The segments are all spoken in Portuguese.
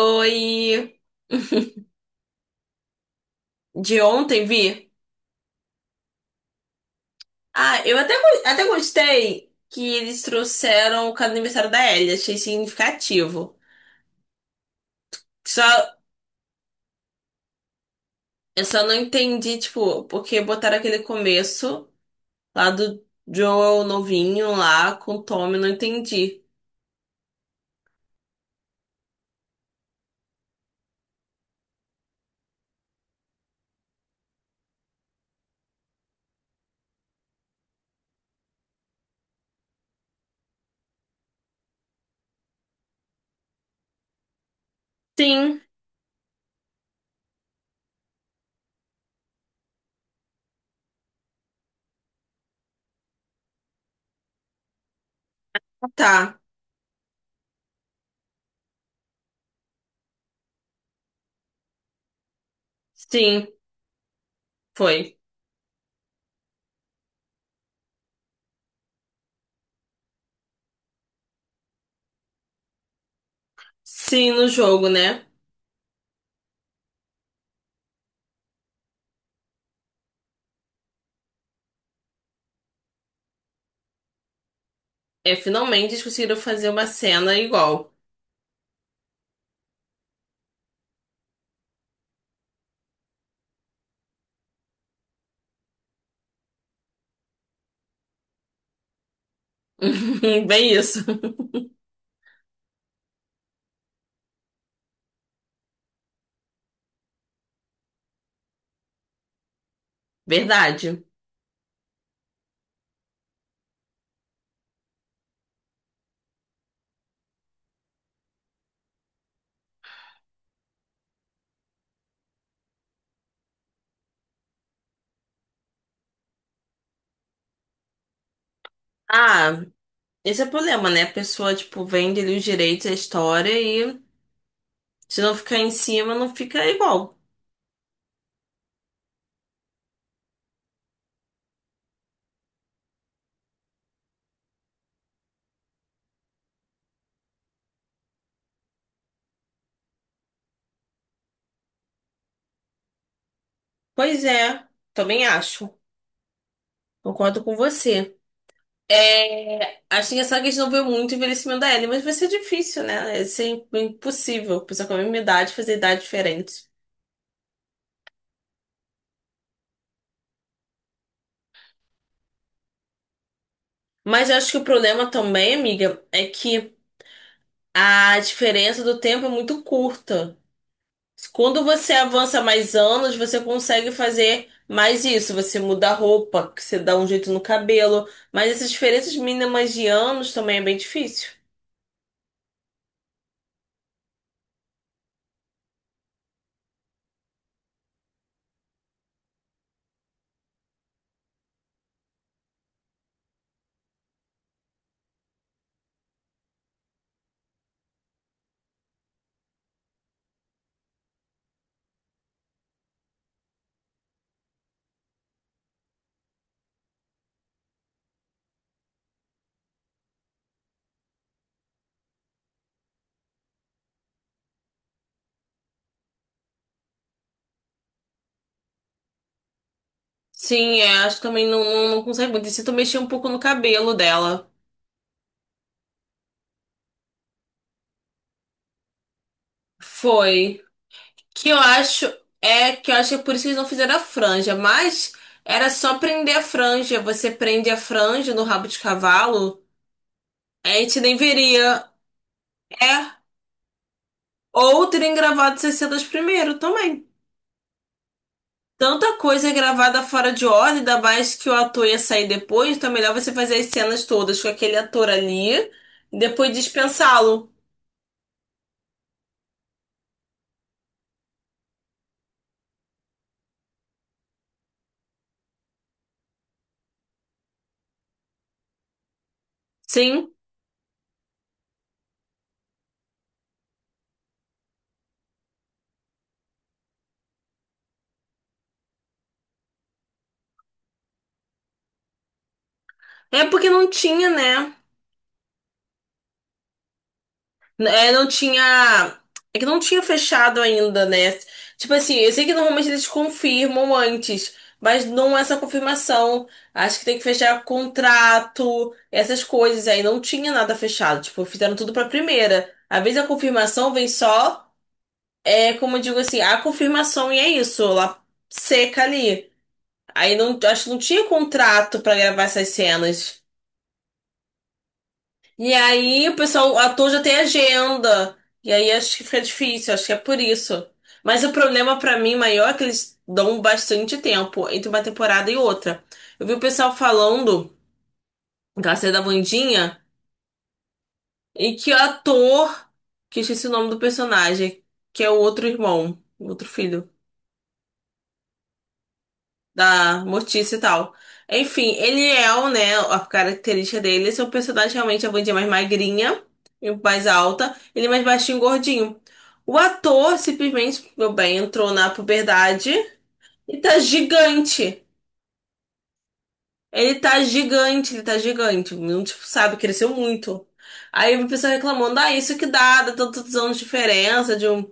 Oi, de ontem vi. Ah, eu até, até gostei que eles trouxeram o cada aniversário da Ellie, achei significativo. Só, eu só não entendi, tipo, porque botaram aquele começo lá do Joel novinho lá com o Tommy, não entendi. Sim, tá. Sim, foi. Sim, no jogo, né? É, finalmente eles conseguiram fazer uma cena igual. Bem isso. Verdade. Ah, esse é o problema, né? A pessoa, tipo, vende ali os direitos, a história e, se não ficar em cima, não fica igual. Pois é, também acho. Concordo com você. É, acho que essa questão veio muito o envelhecimento da Ellie, mas vai ser difícil, né? Vai ser impossível. Pessoa com a mesma idade fazer idade diferente. Mas eu acho que o problema também, amiga, é que a diferença do tempo é muito curta. Quando você avança mais anos, você consegue fazer mais isso. Você muda a roupa, que você dá um jeito no cabelo. Mas essas diferenças mínimas de anos também é bem difícil. Sim, é, acho que também não, não consegue muito. E se tu mexer um pouco no cabelo dela. Foi. Que eu acho. É que eu acho que é por isso que eles não fizeram a franja. Mas era só prender a franja. Você prende a franja no rabo de cavalo. A gente nem veria. É. Ou terem gravado 60 primeiro também. Tanta coisa gravada fora de ordem, ainda mais que o ator ia sair depois, então é melhor você fazer as cenas todas com aquele ator ali e depois dispensá-lo. Sim. É porque não tinha, né? É, não tinha. É que não tinha fechado ainda, né? Tipo assim, eu sei que normalmente eles confirmam antes, mas não é essa confirmação. Acho que tem que fechar contrato, essas coisas aí. Não tinha nada fechado. Tipo, fizeram tudo pra primeira. Às vezes a confirmação vem só. É como eu digo assim, a confirmação e é isso, ela seca ali. Aí não, acho que não tinha contrato pra gravar essas cenas. E aí o pessoal, o ator já tem agenda. E aí acho que fica difícil, acho que é por isso. Mas o problema pra mim maior é que eles dão bastante tempo entre uma temporada e outra. Eu vi o pessoal falando, aquela cena da Wandinha, e que o ator, que eu esqueci o nome do personagem, que é o outro irmão, o outro filho da Mortícia e tal. Enfim, ele é, o, né, a característica dele, esse é o personagem, realmente é a Wandinha mais magrinha e mais alta, ele é mais baixinho e gordinho. O ator simplesmente, meu bem, entrou na puberdade e tá gigante. Ele tá gigante, ele tá gigante. Não, tipo, sabe, cresceu muito. Aí o pessoal reclamando, ah, isso que dá, dá tantos anos de diferença de, um,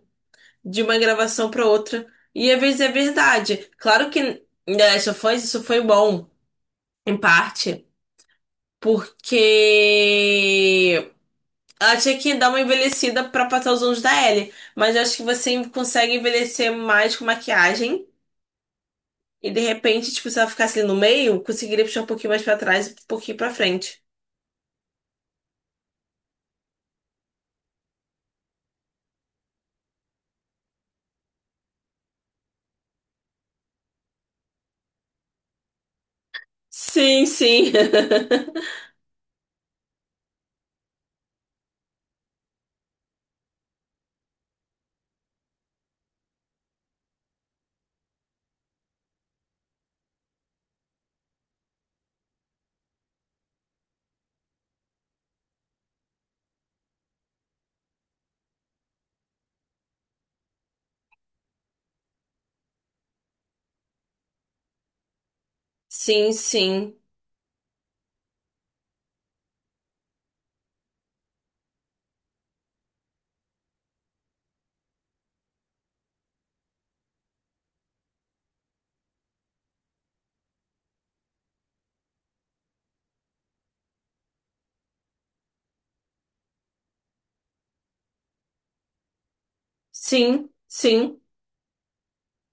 de uma gravação pra outra. E às vezes é verdade. Claro que em The Last of Us isso foi bom. Em parte, porque ela tinha que dar uma envelhecida pra passar os anos da Ellie. Mas eu acho que você consegue envelhecer mais com maquiagem. E de repente, tipo, se ela ficasse ali no meio, conseguiria puxar um pouquinho mais pra trás e um pouquinho pra frente. Sim, sim. Sim, sim. Sim, sim.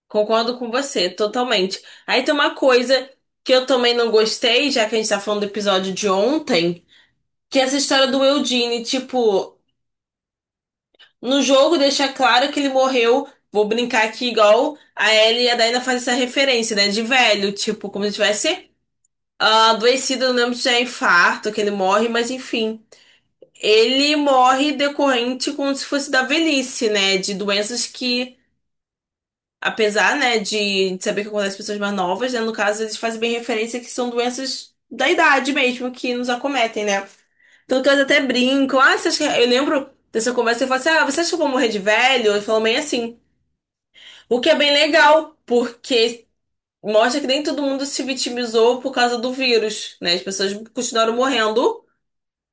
Concordo com você, totalmente. Aí tem uma coisa que eu também não gostei, já que a gente tá falando do episódio de ontem, que é essa história do Eugene, tipo. No jogo deixa claro que ele morreu. Vou brincar aqui igual a Ellie e a Dina fazem essa referência, né? De velho, tipo, como se tivesse ah, adoecido, eu não lembro se é infarto, que ele morre, mas enfim. Ele morre decorrente como se fosse da velhice, né? De doenças que, apesar, né, de saber que acontece com pessoas mais novas, né? No caso, eles fazem bem referência que são doenças da idade mesmo que nos acometem, né? Tanto que eles até brincam. Ah, você acha que... Eu lembro dessa conversa e eu falo assim: Ah, você acha que eu vou morrer de velho? Ele falou meio assim. O que é bem legal, porque mostra que nem todo mundo se vitimizou por causa do vírus, né? As pessoas continuaram morrendo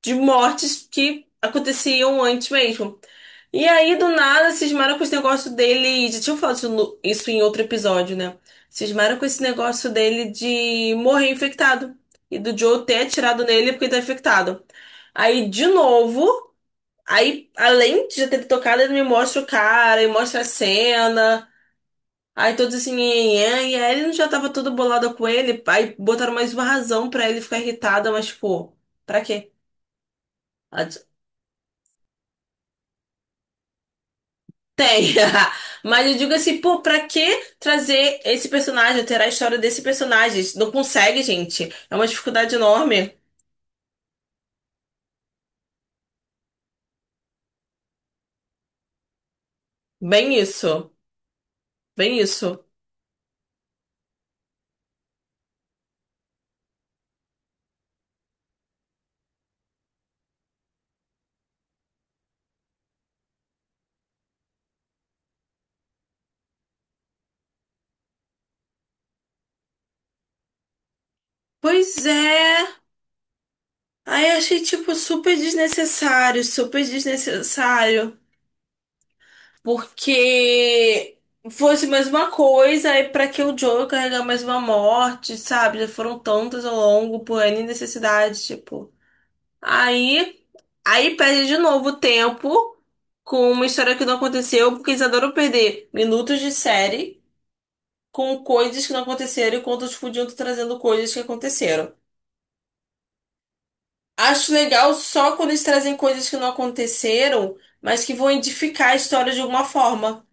de mortes que aconteciam antes mesmo. E aí, do nada, cismaram com esse negócio dele. Já tinham falado isso, isso em outro episódio, né? Cismaram com esse negócio dele de morrer infectado. E do Joe ter atirado nele porque ele tá infectado. Aí, de novo, aí, além de já ter tocado, ele me mostra o cara e mostra a cena. Aí todos assim, "Nhanhã", e a Ellen já tava toda bolada com ele. Aí botaram mais uma razão pra ele ficar irritada, mas, pô, pra quê? Ela disse, tem. Mas eu digo assim, pô, pra que trazer esse personagem, alterar a história desse personagem? Não consegue, gente. É uma dificuldade enorme. Bem isso. Bem isso. Pois é. Aí eu achei, tipo, super desnecessário, super desnecessário. Porque fosse mais uma coisa, e pra que o Joe carregar mais uma morte, sabe? Já foram tantas ao longo, por N necessidades, tipo. Aí, aí perde de novo tempo com uma história que não aconteceu, porque eles adoram perder minutos de série com coisas que não aconteceram, enquanto eles podiam estar trazendo coisas que aconteceram. Acho legal só quando eles trazem coisas que não aconteceram, mas que vão edificar a história de alguma forma.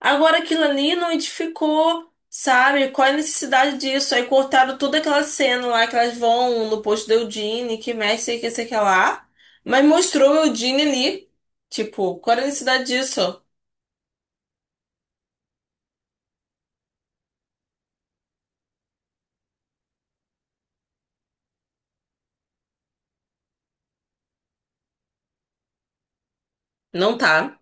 Agora aquilo ali não edificou, sabe? Qual é a necessidade disso? Aí cortaram toda aquela cena lá que elas vão no posto da Eugene, que mexe, sei que lá. Mas mostrou o Eugene ali. Tipo, qual é a necessidade disso? Não tá.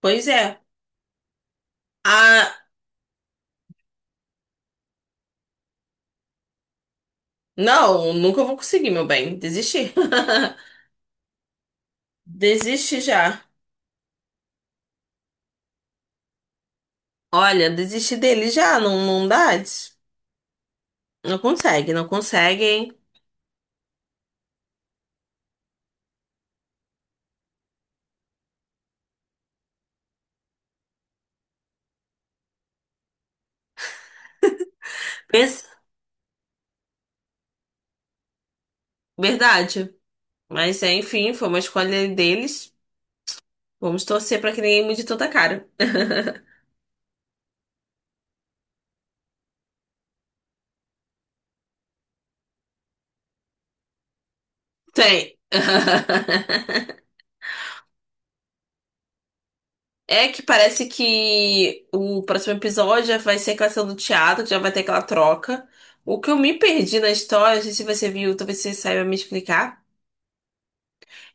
Pois é. Ah, não, nunca vou conseguir, meu bem. Desisti. Desisti já. Olha, desisti dele já. Não, não dá. Não consegue, não consegue, hein? Pensa... Verdade. Mas é, enfim, foi uma escolha deles. Vamos torcer pra que ninguém mude toda a cara. Tem. É que parece que o próximo episódio já vai ser a questão do teatro, que já vai ter aquela troca. O que eu me perdi na história, não sei se você viu, talvez você saiba me explicar,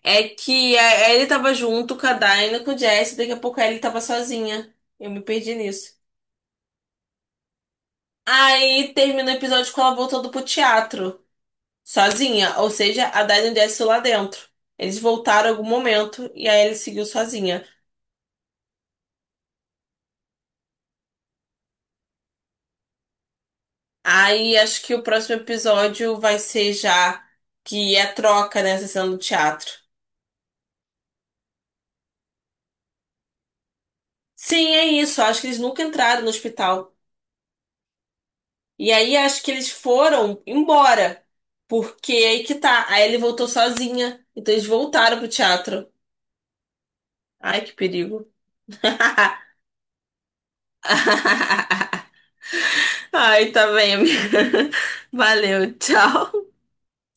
é que ele tava junto com a Dinah, com o Jesse, daqui a pouco ele tava sozinha. Eu me perdi nisso. Aí termina o episódio com ela voltando pro teatro, sozinha, ou seja, a Dinah e o Jesse lá dentro. Eles voltaram em algum momento e aí ele seguiu sozinha. Aí acho que o próximo episódio vai ser já que é a troca, né? A sessão do teatro. Sim, é isso. Acho que eles nunca entraram no hospital. E aí acho que eles foram embora. Porque é aí que tá. Aí ele voltou sozinha. Então eles voltaram pro teatro. Ai, que perigo. Ai, tá bem, amiga. Valeu, tchau.